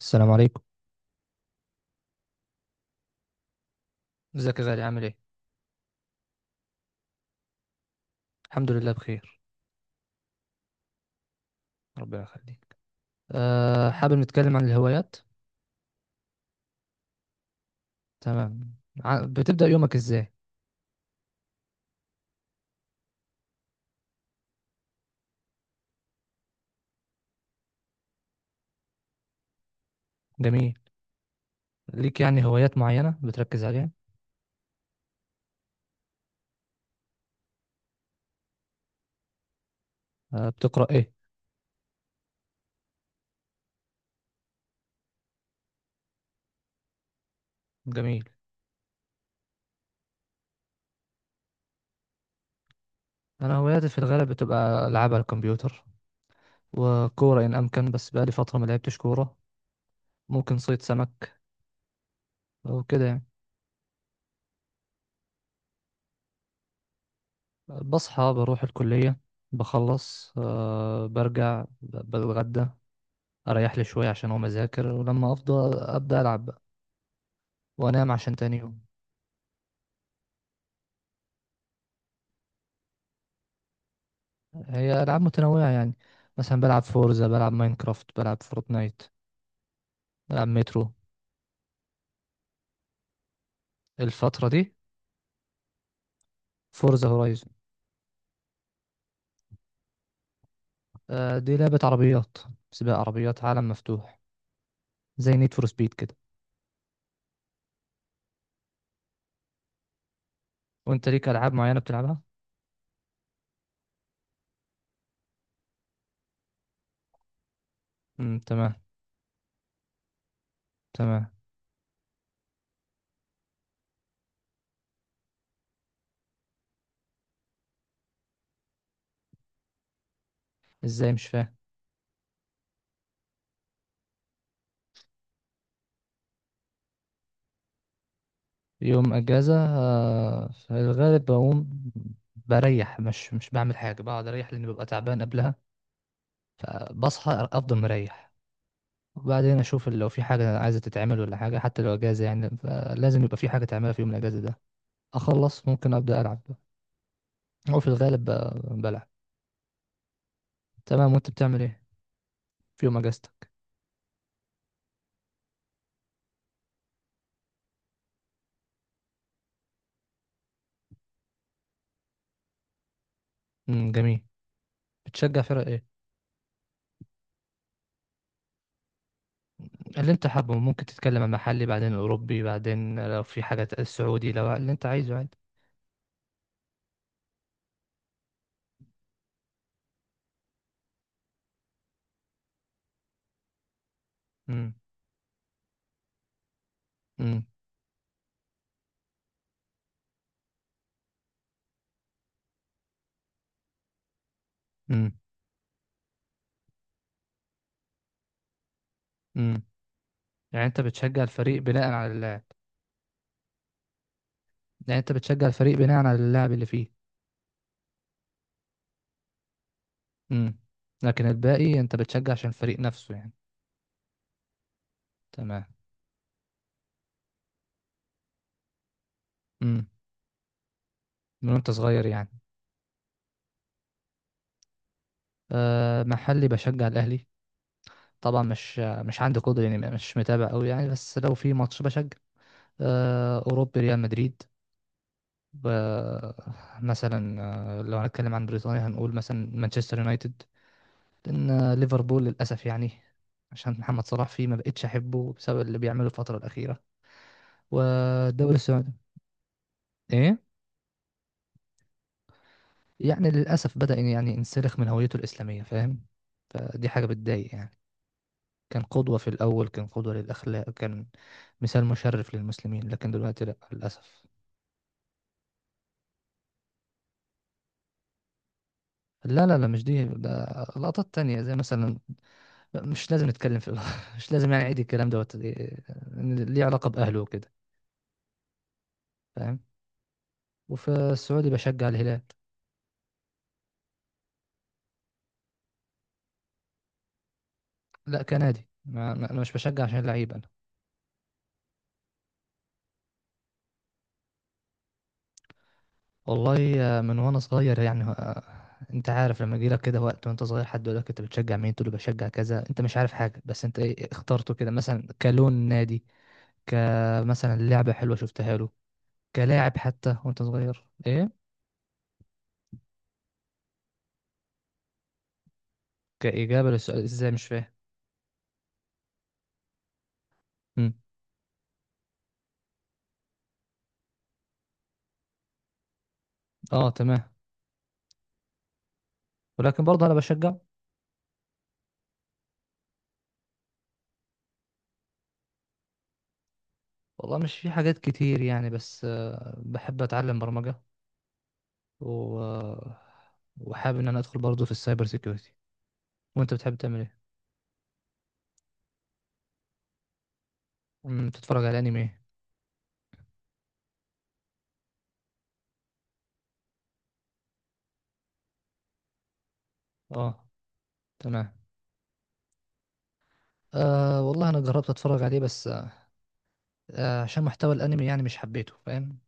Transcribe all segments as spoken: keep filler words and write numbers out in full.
السلام عليكم. ازيك يا غالي؟ عامل ايه؟ الحمد لله بخير. ربنا يخليك. أه حابب نتكلم عن الهوايات. تمام. ع- بتبدأ يومك ازاي؟ جميل. ليك يعني هوايات معينة بتركز عليها؟ أه بتقرأ ايه؟ جميل. انا هواياتي في الغالب بتبقى العاب على الكمبيوتر، وكورة ان امكن، بس بقالي فترة ما لعبتش كورة. ممكن صيد سمك، وكده يعني. بصحى بروح الكلية، بخلص، أه برجع، ب- بتغدى، اريح لي شوية عشان اقوم اذاكر، ولما افضى ابدأ العب بقى، وانام عشان تاني يوم. هي العاب متنوعه يعني، مثلا بلعب فورزا، بلعب ماينكرافت، بلعب فورتنايت، بلعب مترو. الفتره دي فورزا هورايزون. آه، دي لعبه عربيات، سباق عربيات، عالم مفتوح، زي نيد فور سبيد كده. وانت ليك العاب معينه بتلعبها؟ امم، تمام. تمام. ازاي؟ مش فاهم. يوم اجازه، آه، في الغالب بقوم بريح، مش مش بعمل حاجه، بقعد اريح لاني ببقى تعبان قبلها، فبصحى افضل مريح، وبعدين اشوف لو في حاجه عايزه تتعمل ولا حاجه، حتى لو اجازه يعني فلازم يبقى في حاجه تعملها في يوم الاجازه ده، اخلص ممكن ابدا العب، او في الغالب ب- بلعب. تمام، وانت بتعمل ايه في يوم اجازتك؟ امم، جميل. بتشجع فرق ايه؟ اللي انت حابه، ممكن تتكلم عن محلي بعدين اوروبي، بعدين لو في حاجه السعودي، لو اللي انت عايزه عادي. امم. امم. امم. امم. يعني انت بتشجع الفريق بناء على اللاعب؟ يعني انت بتشجع الفريق بناء على اللاعب اللي فيه؟ امم. لكن الباقي انت بتشجع عشان الفريق نفسه يعني؟ تمام. امم. من وانت صغير يعني؟ أه محلي بشجع الاهلي، طبعا مش مش عندي قدره يعني، مش متابع قوي يعني، بس لو في ماتش بشجع. أه اوروبي، ريال مدريد. ب- مثلا، آه، لو هنتكلم عن بريطانيا، هنقول مثلا مانشستر يونايتد، لان آه، ليفربول للاسف يعني، عشان محمد صلاح فيه، ما بقتش احبه بسبب اللي بيعمله الفتره الاخيره. والدوري السعودي؟ ايه؟ يعني للاسف بدأ يعني ينسلخ من هويته الاسلاميه، فاهم؟ فدي حاجه بتضايق يعني. كان قدوة في الأول، كان قدوة للأخلاق، كان مثال مشرف للمسلمين، لكن دلوقتي لأ، للأسف. لا، لا، لا، مش دي، ده لقطات تانية زي مثلا، مش لازم نتكلم في مش لازم يعني أعيد الكلام، دوت إيه، ليه علاقة بأهله وكده، فاهم؟ وفي السعودي بشجع الهلال. لا، كنادي. ما ما- أنا مش بشجع عشان لعيب أنا. والله آه، من وأنا صغير يعني آه، أنت عارف لما يجيلك كده وقت وأنت صغير، حد يقول لك أنت بتشجع مين، تقول له بشجع كذا، أنت مش عارف حاجة، بس أنت إيه، اخترته كده مثلا كلون نادي، كمثلا لعبة حلوة شفتها له، كلاعب حتى وانت صغير، ايه؟ كإجابة للسؤال؟ ازاي؟ مش فاهم. مم. اه، تمام. ولكن برضه انا بشجع. والله مش في حاجات كتير يعني، بس آه، بحب اتعلم برمجة، و... وحابب ان انا ادخل برضه في السايبر سيكيورتي. وانت بتحب تعمل ايه؟ مم، بتتفرج على انمي إيه؟ اه، تمام. آه والله انا جربت اتفرج عليه، بس آه آه، عشان محتوى الانمي يعني مش حبيته، فاهم؟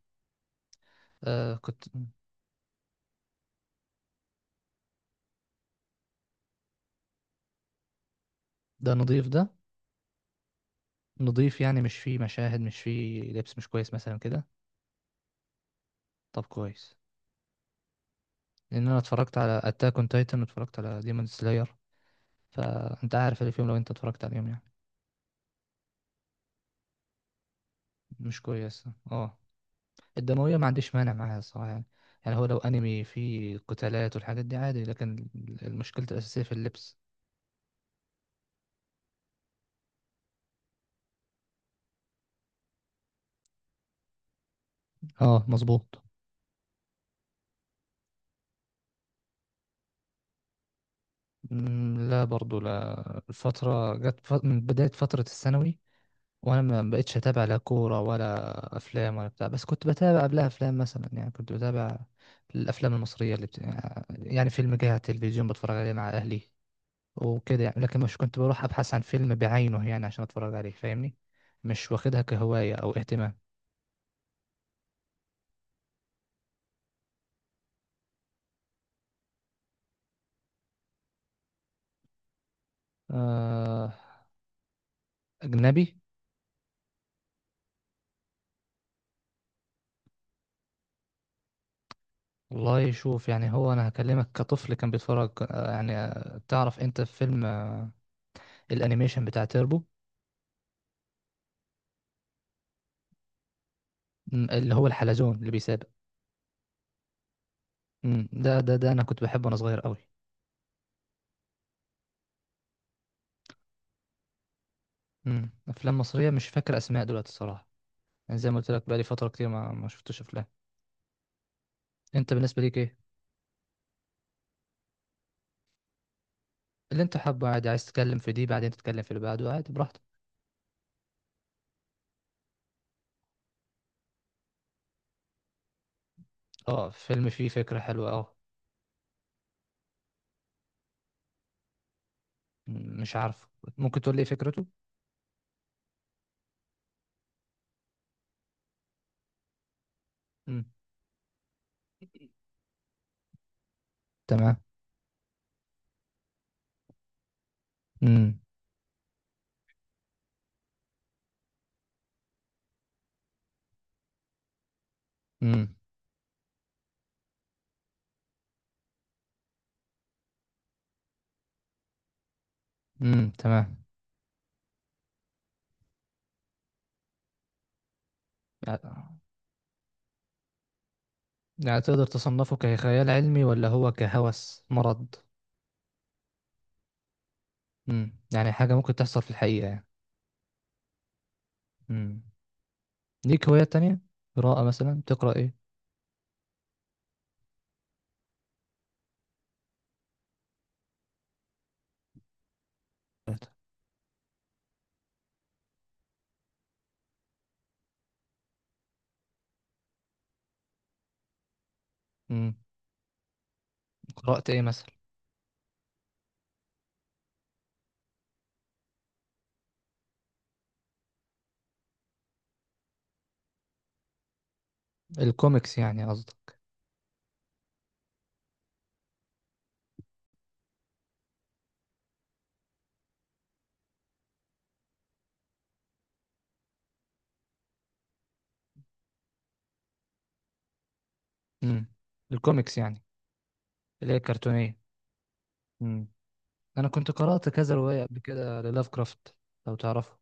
آه كنت ده نضيف ده؟ نضيف يعني مش فيه مشاهد، مش فيه لبس مش كويس مثلا كده؟ طب كويس، لان انا اتفرجت على اتاك اون تايتن، واتفرجت على ديمون سلاير، فانت عارف اللي فيهم لو انت اتفرجت عليهم يعني، مش كويس. اه، الدمويه ما عنديش مانع معاها الصراحه يعني، يعني هو لو انمي فيه قتالات والحاجات دي عادي، لكن المشكله الاساسيه في اللبس. اه، مظبوط. مم، لا، برضو لا، الفتره جت ف- من بدايه فتره الثانوي وانا ما بقتش اتابع لا كوره ولا افلام ولا بتاع، بس كنت بتابع قبلها افلام، مثلا يعني كنت بتابع الافلام المصريه اللي بت... يعني فيلم جه على التلفزيون بتفرج عليه مع اهلي وكده يعني، لكن مش كنت بروح ابحث عن فيلم بعينه يعني عشان اتفرج عليه، فاهمني؟ مش واخدها كهوايه او اهتمام. آه... اجنبي. والله شوف، يعني هو انا هكلمك كطفل كان بيتفرج، آه، يعني آه، تعرف انت فيلم آه، الانيميشن بتاع تيربو؟ م، اللي هو الحلزون اللي بيسابق. م، ده، ده ده انا كنت بحبه وانا صغير قوي. امم افلام مصريه مش فاكر اسماء دلوقتي الصراحه، يعني زي ما قلت لك بقالي فتره كتير ما ما شفتش افلام. انت بالنسبه ليك ايه؟ اللي انت حابه عادي، عايز تتكلم في دي بعدين تتكلم في اللي بعده، عادي براحتك. اه، فيلم فيه فكره حلوه، اه. مم، مش عارف، ممكن تقول لي ايه فكرته؟ امم. تمام. امم. امم. امم. تمام. يعني يعني تقدر تصنفه كخيال علمي، ولا هو كهوس مرض؟ امم يعني حاجه ممكن تحصل في الحقيقه يعني؟ امم. ليك هوايات تانية؟ قراءه مثلا، تقرا ايه؟ امم قرات ايه مثلا؟ الكوميكس يعني قصدي. امم الكوميكس يعني، اللي هي الكرتونية. امم. انا كنت قرأت كذا رواية قبل كده للاف كرافت، لو تعرفه.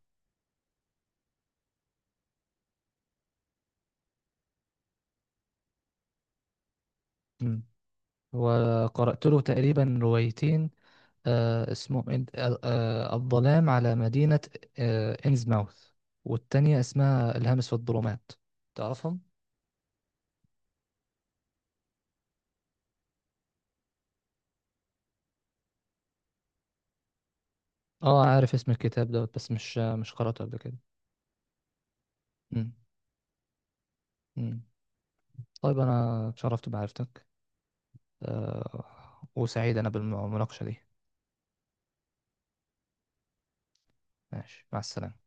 امم. وقرأت له تقريبا روايتين، آه اسمهم إن- آه آه، الظلام على مدينة آه إنزماوث، والتانية اسمها الهامس في الظلمات، تعرفهم؟ اه، عارف اسم الكتاب دوت، بس مش مش قرأته قبل كده. امم. امم. طيب، انا اتشرفت بمعرفتك، آه وسعيد انا بالمناقشة دي. ماشي، مع السلامة.